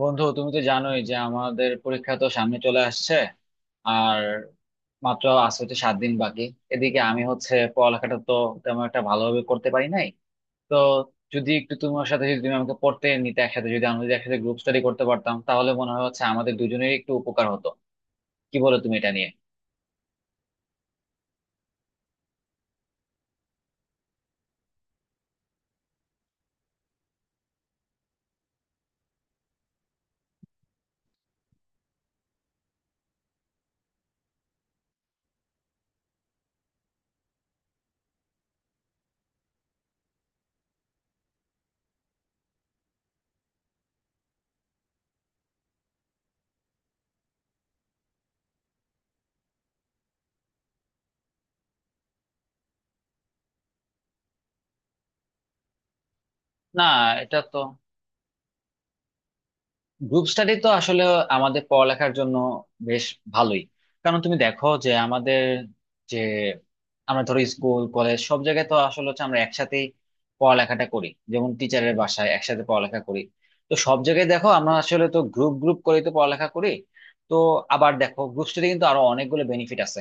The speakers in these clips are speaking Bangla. বন্ধু, তুমি তো জানোই যে আমাদের পরীক্ষা তো সামনে চলে আসছে আর মাত্র আছে তো 7 দিন বাকি। এদিকে আমি হচ্ছে পড়ালেখাটা তো তেমন একটা ভালোভাবে করতে পারি নাই। তো যদি একটু তোমার সাথে, যদি তুমি আমাকে পড়তে নিতে একসাথে, যদি আমরা যদি একসাথে গ্রুপ স্টাডি করতে পারতাম তাহলে মনে হয় হচ্ছে আমাদের দুজনেরই একটু উপকার হতো। কি বলো তুমি এটা নিয়ে? না, এটা তো গ্রুপ স্টাডি তো আসলে আমাদের পড়ালেখার জন্য বেশ ভালোই। কারণ তুমি দেখো যে আমাদের, যে আমরা ধরো স্কুল কলেজ সব জায়গায় তো আসলে হচ্ছে আমরা একসাথেই পড়ালেখাটা করি, যেমন টিচারের বাসায় একসাথে পড়ালেখা করি। তো সব জায়গায় দেখো আমরা আসলে তো গ্রুপ গ্রুপ করে তো পড়ালেখা করি। তো আবার দেখো গ্রুপ স্টাডি কিন্তু আরো অনেকগুলো বেনিফিট আছে।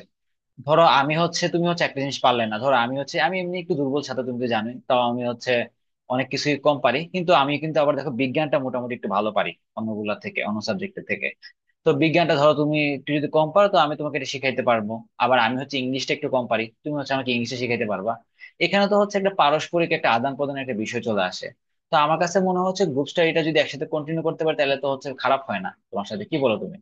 ধরো আমি হচ্ছে, তুমি হচ্ছে একটা জিনিস পারলে না, ধরো আমি হচ্ছে আমি এমনি একটু দুর্বল ছাত্র তুমি তো জানোই, তাও আমি হচ্ছে অনেক কিছুই কম পারি কিন্তু আমি কিন্তু আবার দেখো বিজ্ঞানটা মোটামুটি একটু ভালো পারি অন্যগুলা থেকে, অন্য সাবজেক্টের থেকে। তো বিজ্ঞানটা ধরো তুমি একটু যদি কম পারো তো আমি তোমাকে এটা শিখাইতে পারবো। আবার আমি হচ্ছে ইংলিশটা একটু কম পারি, তুমি হচ্ছে আমাকে ইংলিশে শিখাইতে পারবা। এখানে তো হচ্ছে একটা পারস্পরিক একটা আদান প্রদানের একটা বিষয় চলে আসে। তো আমার কাছে মনে হচ্ছে গ্রুপ স্টাডিটা যদি একসাথে কন্টিনিউ করতে পারে তাহলে তো হচ্ছে খারাপ হয় না তোমার সাথে। কি বলো তুমি?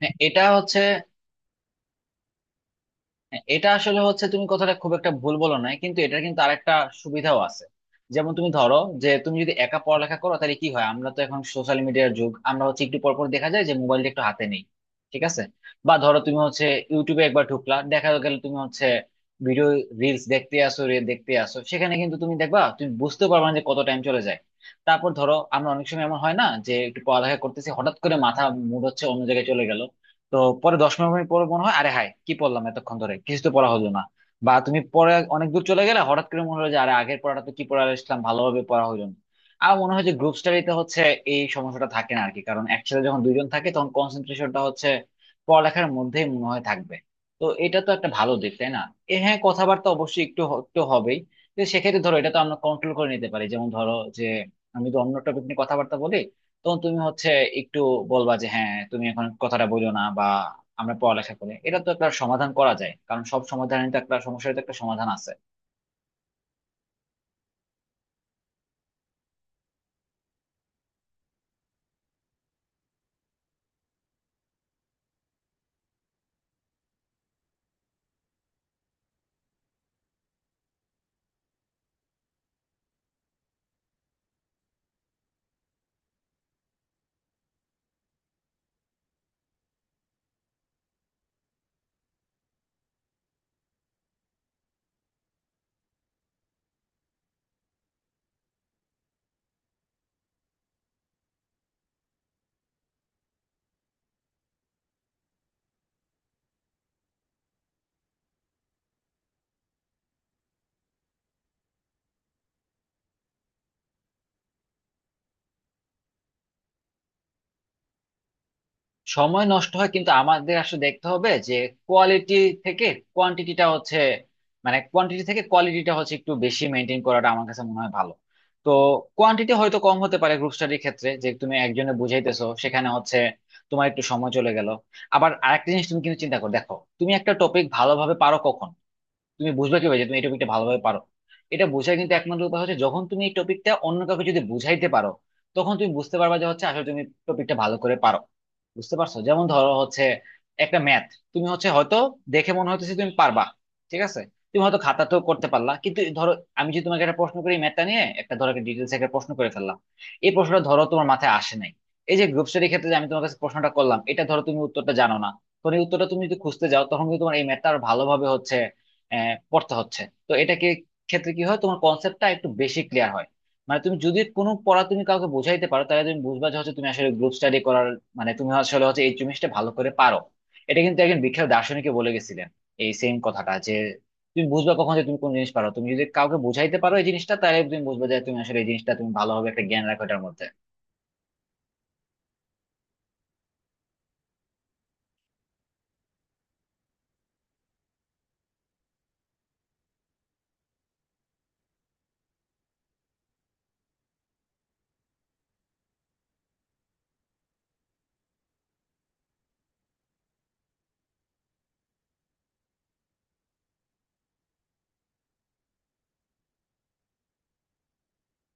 হ্যাঁ এটা হচ্ছে, হ্যাঁ, এটা আসলে হচ্ছে তুমি কথাটা খুব একটা ভুল বলো নাই কিন্তু এটা কিন্তু আরেকটা সুবিধাও আছে। যেমন তুমি ধরো যে তুমি যদি একা পড়ালেখা করো তাহলে কি হয়, আমরা তো এখন সোশ্যাল মিডিয়ার যুগ, আমরা হচ্ছে একটু পর পর দেখা যায় যে মোবাইলটা একটু হাতে নেই। ঠিক আছে। বা ধরো তুমি হচ্ছে ইউটিউবে একবার ঢুকলা, দেখা গেল তুমি হচ্ছে ভিডিও রিলস দেখতে আসো রে দেখতে আসো, সেখানে কিন্তু তুমি দেখবা তুমি বুঝতে পারবে না যে কত টাইম চলে যায়। তারপর ধরো আমরা অনেক সময় এমন হয় না যে একটু পড়ালেখা করতেছি হঠাৎ করে মাথা, মুড হচ্ছে অন্য জায়গায় চলে গেল। তো পরে 10-15 মিনিট পরে মনে হয় আরে হাই কি পড়লাম এতক্ষণ ধরে, কিছু তো পড়া হলো না। বা তুমি পরে অনেক দূর চলে গেলে হঠাৎ করে মনে হলো যে আরে আগের পড়াটা তো কি পড়া আসলাম, ভালোভাবে পড়া হলো না। আর মনে হয় যে গ্রুপ স্টাডিতে হচ্ছে এই সমস্যাটা থাকে না আরকি, কারণ একসাথে যখন দুইজন থাকে তখন কনসেন্ট্রেশনটা হচ্ছে পড়ালেখার মধ্যেই মনে হয় থাকবে। তো এটা তো একটা ভালো দিক, তাই না? এ হ্যাঁ, কথাবার্তা অবশ্যই একটু একটু হবেই। তো সেক্ষেত্রে ধরো এটা তো আমরা কন্ট্রোল করে নিতে পারি, যেমন ধরো যে আমি তো অন্য টপিক নিয়ে কথাবার্তা বলি, তখন তুমি হচ্ছে একটু বলবা যে হ্যাঁ তুমি এখন কথাটা বলো না বা আমরা পড়ালেখা করি। এটা তো একটা সমাধান করা যায়, কারণ সব সমাধানের তো, একটা সমস্যার তো একটা সমাধান আছে। সময় নষ্ট হয় কিন্তু আমাদের আসলে দেখতে হবে যে কোয়ালিটি থেকে কোয়ান্টিটিটা হচ্ছে, মানে কোয়ান্টিটি থেকে কোয়ালিটিটা হচ্ছে একটু বেশি মেনটেন করাটা আমার কাছে মনে হয় ভালো। তো কোয়ান্টিটি হয়তো কম হতে পারে গ্রুপ স্টাডির ক্ষেত্রে, যে তুমি একজনে বুঝাইতেছো সেখানে হচ্ছে তোমার একটু সময় চলে গেল। আবার আরেকটা জিনিস তুমি কিন্তু চিন্তা করো দেখো, তুমি একটা টপিক ভালোভাবে পারো কখন, তুমি বুঝবে কিভাবে যে তুমি এই টপিকটা ভালোভাবে পারো? এটা বোঝার কিন্তু একমাত্র উপায় হচ্ছে যখন তুমি এই টপিকটা অন্য কাউকে যদি বুঝাইতে পারো, তখন তুমি বুঝতে পারবা যে হচ্ছে আসলে তুমি টপিকটা ভালো করে পারো। বুঝতে পারছো? যেমন ধরো হচ্ছে একটা ম্যাথ, তুমি হচ্ছে হয়তো দেখে মনে হইতেছে তুমি পারবা, ঠিক আছে, তুমি হয়তো খাতাতেও করতে পারলা, কিন্তু ধরো আমি যদি তোমাকে একটা প্রশ্ন করি ম্যাথটা নিয়ে, একটা ধরো একটা ডিটেলস একটা প্রশ্ন করে ফেললাম, এই প্রশ্নটা ধরো তোমার মাথায় আসে নাই। এই যে গ্রুপ স্টাডির ক্ষেত্রে যে আমি তোমার কাছে প্রশ্নটা করলাম এটা ধরো তুমি উত্তরটা জানো না, তখন এই উত্তরটা তুমি যদি খুঁজতে যাও তখন কিন্তু তোমার এই ম্যাথটা আরো ভালোভাবে হচ্ছে আহ, পড়তে হচ্ছে। তো এটাকে ক্ষেত্রে কি হয়, তোমার কনসেপ্টটা একটু বেশি ক্লিয়ার হয়। মানে তুমি যদি কোনো পড়া তুমি কাউকে বোঝাইতে পারো তাহলে তুমি বুঝবা যে হচ্ছে তুমি আসলে গ্রুপ স্টাডি করার, মানে তুমি আসলে হচ্ছে এই জিনিসটা ভালো করে পারো। এটা কিন্তু একজন বিখ্যাত দার্শনিকে বলে গেছিলেন এই সেম কথাটা, যে তুমি বুঝবা কখন যে তুমি কোন জিনিস পারো, তুমি যদি কাউকে বোঝাইতে পারো এই জিনিসটা তাহলে তুমি বুঝবা যে তুমি আসলে এই জিনিসটা তুমি ভালোভাবে একটা জ্ঞান রাখো এটার মধ্যে।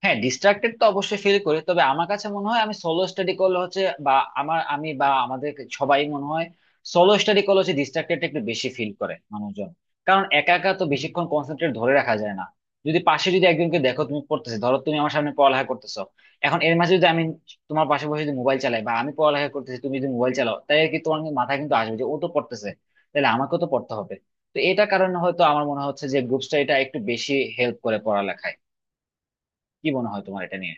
হ্যাঁ, ডিস্ট্রাক্টেড তো অবশ্যই ফিল করি, তবে আমার কাছে মনে হয় আমি সোলো স্টাডি করলে হচ্ছে, বা আমার, আমি বা আমাদের সবাই মনে হয় সোলো স্টাডি করলে হচ্ছে ডিস্ট্রাক্টেড একটু বেশি ফিল করে মানুষজন। কারণ একা একা তো বেশিক্ষণ কনসেন্ট্রেট ধরে রাখা যায় না। যদি পাশে যদি একজনকে দেখো, তুমি পড়তেছো ধরো তুমি আমার সামনে পড়ালেখা করতেছো, এখন এর মাঝে যদি আমি তোমার পাশে বসে যদি মোবাইল চালাই, বা আমি পড়ালেখা করতেছি তুমি যদি মোবাইল চালাও, তাহলে কি তোমার কিন্তু মাথায় কিন্তু আসবে যে ও তো পড়তেছে, তাহলে আমাকেও তো পড়তে হবে। তো এটা কারণে হয়তো আমার মনে হচ্ছে যে গ্রুপ স্টাডিটা একটু বেশি হেল্প করে পড়ালেখায়। কি মনে হয় তোমার এটা নিয়ে?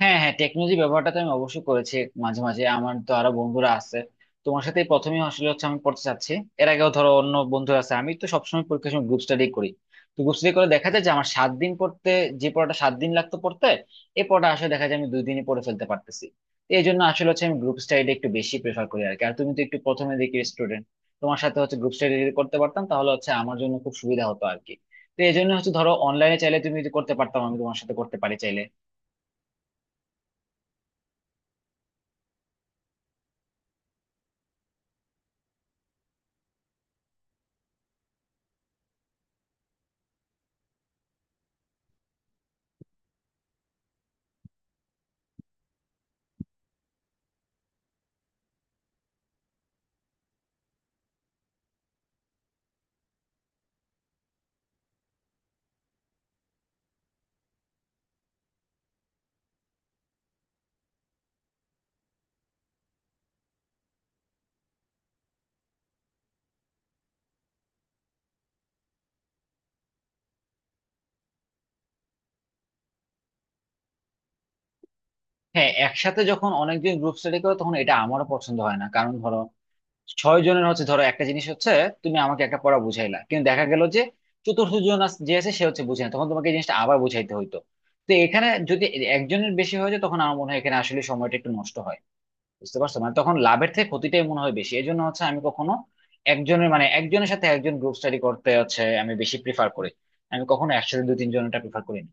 হ্যাঁ হ্যাঁ, টেকনোলজি ব্যবহারটা তো আমি অবশ্যই করেছি। মাঝে মাঝে, আমার তো আরো বন্ধুরা আছে, তোমার সাথে প্রথমে আসলে হচ্ছে আমি পড়তে চাচ্ছি, এর আগেও ধরো অন্য বন্ধুরা আছে, আমি তো সবসময় পরীক্ষার সময় গ্রুপ স্টাডি করি। তো গ্রুপ স্টাডি করে দেখা যায় যে আমার 7 দিন পড়তে, যে পড়াটা 7 দিন লাগতো পড়তে এই পড়াটা আসলে দেখা যায় আমি 2 দিনে পড়ে ফেলতে পারতেছি। তো এই জন্য আসলে হচ্ছে আমি গ্রুপ স্টাডিটা একটু বেশি প্রেফার করি আর কি। আর তুমি তো একটু প্রথমে দিকে স্টুডেন্ট, তোমার সাথে হচ্ছে গ্রুপ স্টাডি যদি করতে পারতাম তাহলে হচ্ছে আমার জন্য খুব সুবিধা হতো আর কি। তো এই জন্য হচ্ছে ধরো অনলাইনে চাইলে তুমি যদি করতে পারতাম, আমি তোমার সাথে করতে পারি চাইলে। হ্যাঁ, একসাথে যখন অনেকজন গ্রুপ স্টাডি করো তখন এটা আমারও পছন্দ হয় না, কারণ ধরো 6 জনের হচ্ছে, ধরো একটা জিনিস হচ্ছে তুমি আমাকে একটা পড়া বুঝাইলা কিন্তু দেখা গেল যে চতুর্থ জন যে আছে সে হচ্ছে বুঝে না, তখন তোমাকে এই জিনিসটা আবার বুঝাইতে হইতো। তো এখানে যদি একজনের বেশি হয়ে যায় তখন আমার মনে হয় এখানে আসলে সময়টা একটু নষ্ট হয়। বুঝতে পারছো, মানে তখন লাভের থেকে ক্ষতিটাই মনে হয় বেশি। এই জন্য হচ্ছে আমি কখনো একজনের, মানে একজনের সাথে একজন গ্রুপ স্টাডি করতে হচ্ছে আমি বেশি প্রিফার করি, আমি কখনো একসাথে দু তিনজনটা প্রিফার করি না।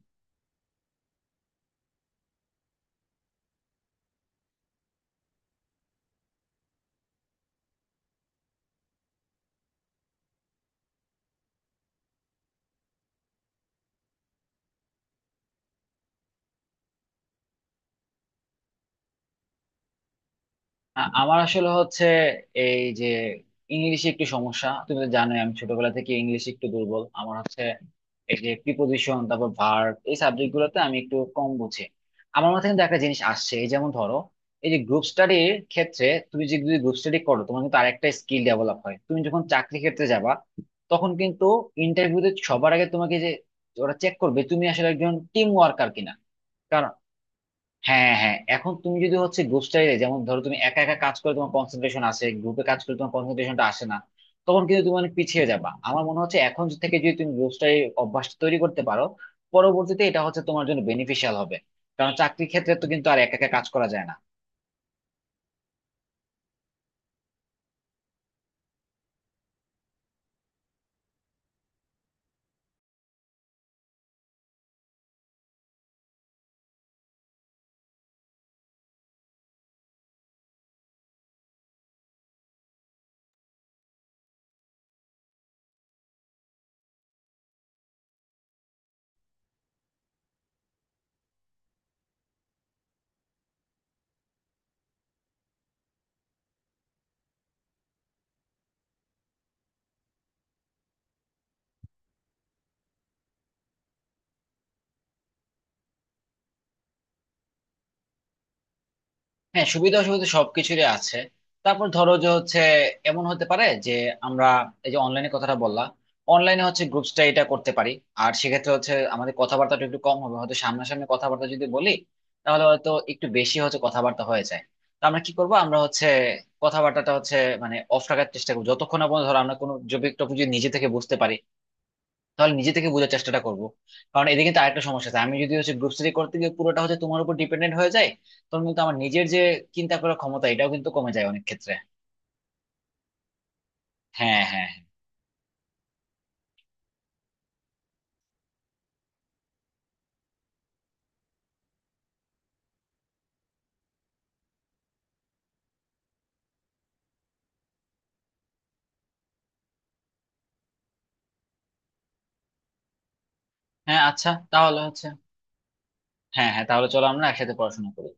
আমার আসলে হচ্ছে এই যে ইংলিশে একটু সমস্যা, তুমি তো জানোই আমি ছোটবেলা থেকে ইংলিশে একটু দুর্বল। আমার হচ্ছে এই যে প্রিপোজিশন, তারপর ভার্ব, এই সাবজেক্ট গুলোতে আমি একটু কম বুঝি। আমার মাথায় কিন্তু একটা জিনিস আসছে, এই যেমন ধরো এই যে গ্রুপ স্টাডির ক্ষেত্রে তুমি যে যদি গ্রুপ স্টাডি করো তোমার কিন্তু আরেকটা স্কিল ডেভেলপ হয়, তুমি যখন চাকরি ক্ষেত্রে যাবা তখন কিন্তু ইন্টারভিউতে সবার আগে তোমাকে যে ওরা চেক করবে তুমি আসলে একজন টিম ওয়ার্কার কিনা। হ্যাঁ হ্যাঁ, এখন তুমি যদি হচ্ছে গ্রুপ স্টাডিতে, যেমন ধরো তুমি একা একা কাজ করে তোমার কনসেন্ট্রেশন আসে, গ্রুপে কাজ করে তোমার কনসেন্ট্রেশনটা আসে না, তখন কিন্তু তুমি অনেক পিছিয়ে যাবা। আমার মনে হচ্ছে এখন থেকে যদি তুমি গ্রুপ স্টাডি অভ্যাসটা তৈরি করতে পারো, পরবর্তীতে এটা হচ্ছে তোমার জন্য বেনিফিশিয়াল হবে। কারণ চাকরির ক্ষেত্রে তো কিন্তু আর একা একা কাজ করা যায় না। হ্যাঁ, সুবিধা অসুবিধা সবকিছুরই আছে। তারপর ধরো যে হচ্ছে এমন হতে পারে যে আমরা, এই যে অনলাইনে কথাটা বললাম, অনলাইনে হচ্ছে গ্রুপ এটা করতে পারি। আর সেক্ষেত্রে হচ্ছে আমাদের কথাবার্তাটা একটু কম হবে হয়তো, সামনাসামনি কথাবার্তা যদি বলি তাহলে হয়তো একটু বেশি হচ্ছে কথাবার্তা হয়ে যায়। তো আমরা কি করবো, আমরা হচ্ছে কথাবার্তাটা হচ্ছে মানে অফ রাখার চেষ্টা করবো যতক্ষণ না পর্যন্ত, ধরো আমরা কোনো যদি টপিক যদি নিজে থেকে বুঝতে পারি তাহলে নিজে থেকে বোঝার চেষ্টাটা করবো। কারণ এদিকে কিন্তু আরেকটা সমস্যা আছে, আমি যদি হচ্ছে গ্রুপ স্টাডি করতে গিয়ে পুরোটা হচ্ছে তোমার উপর ডিপেন্ডেন্ট হয়ে যায়, তখন কিন্তু আমার নিজের যে চিন্তা করার ক্ষমতা এটাও কিন্তু কমে যায় অনেক ক্ষেত্রে। হ্যাঁ হ্যাঁ হ্যাঁ। হ্যাঁ, আচ্ছা তাহলে হচ্ছে, হ্যাঁ হ্যাঁ, তাহলে চলো আমরা একসাথে পড়াশোনা করি।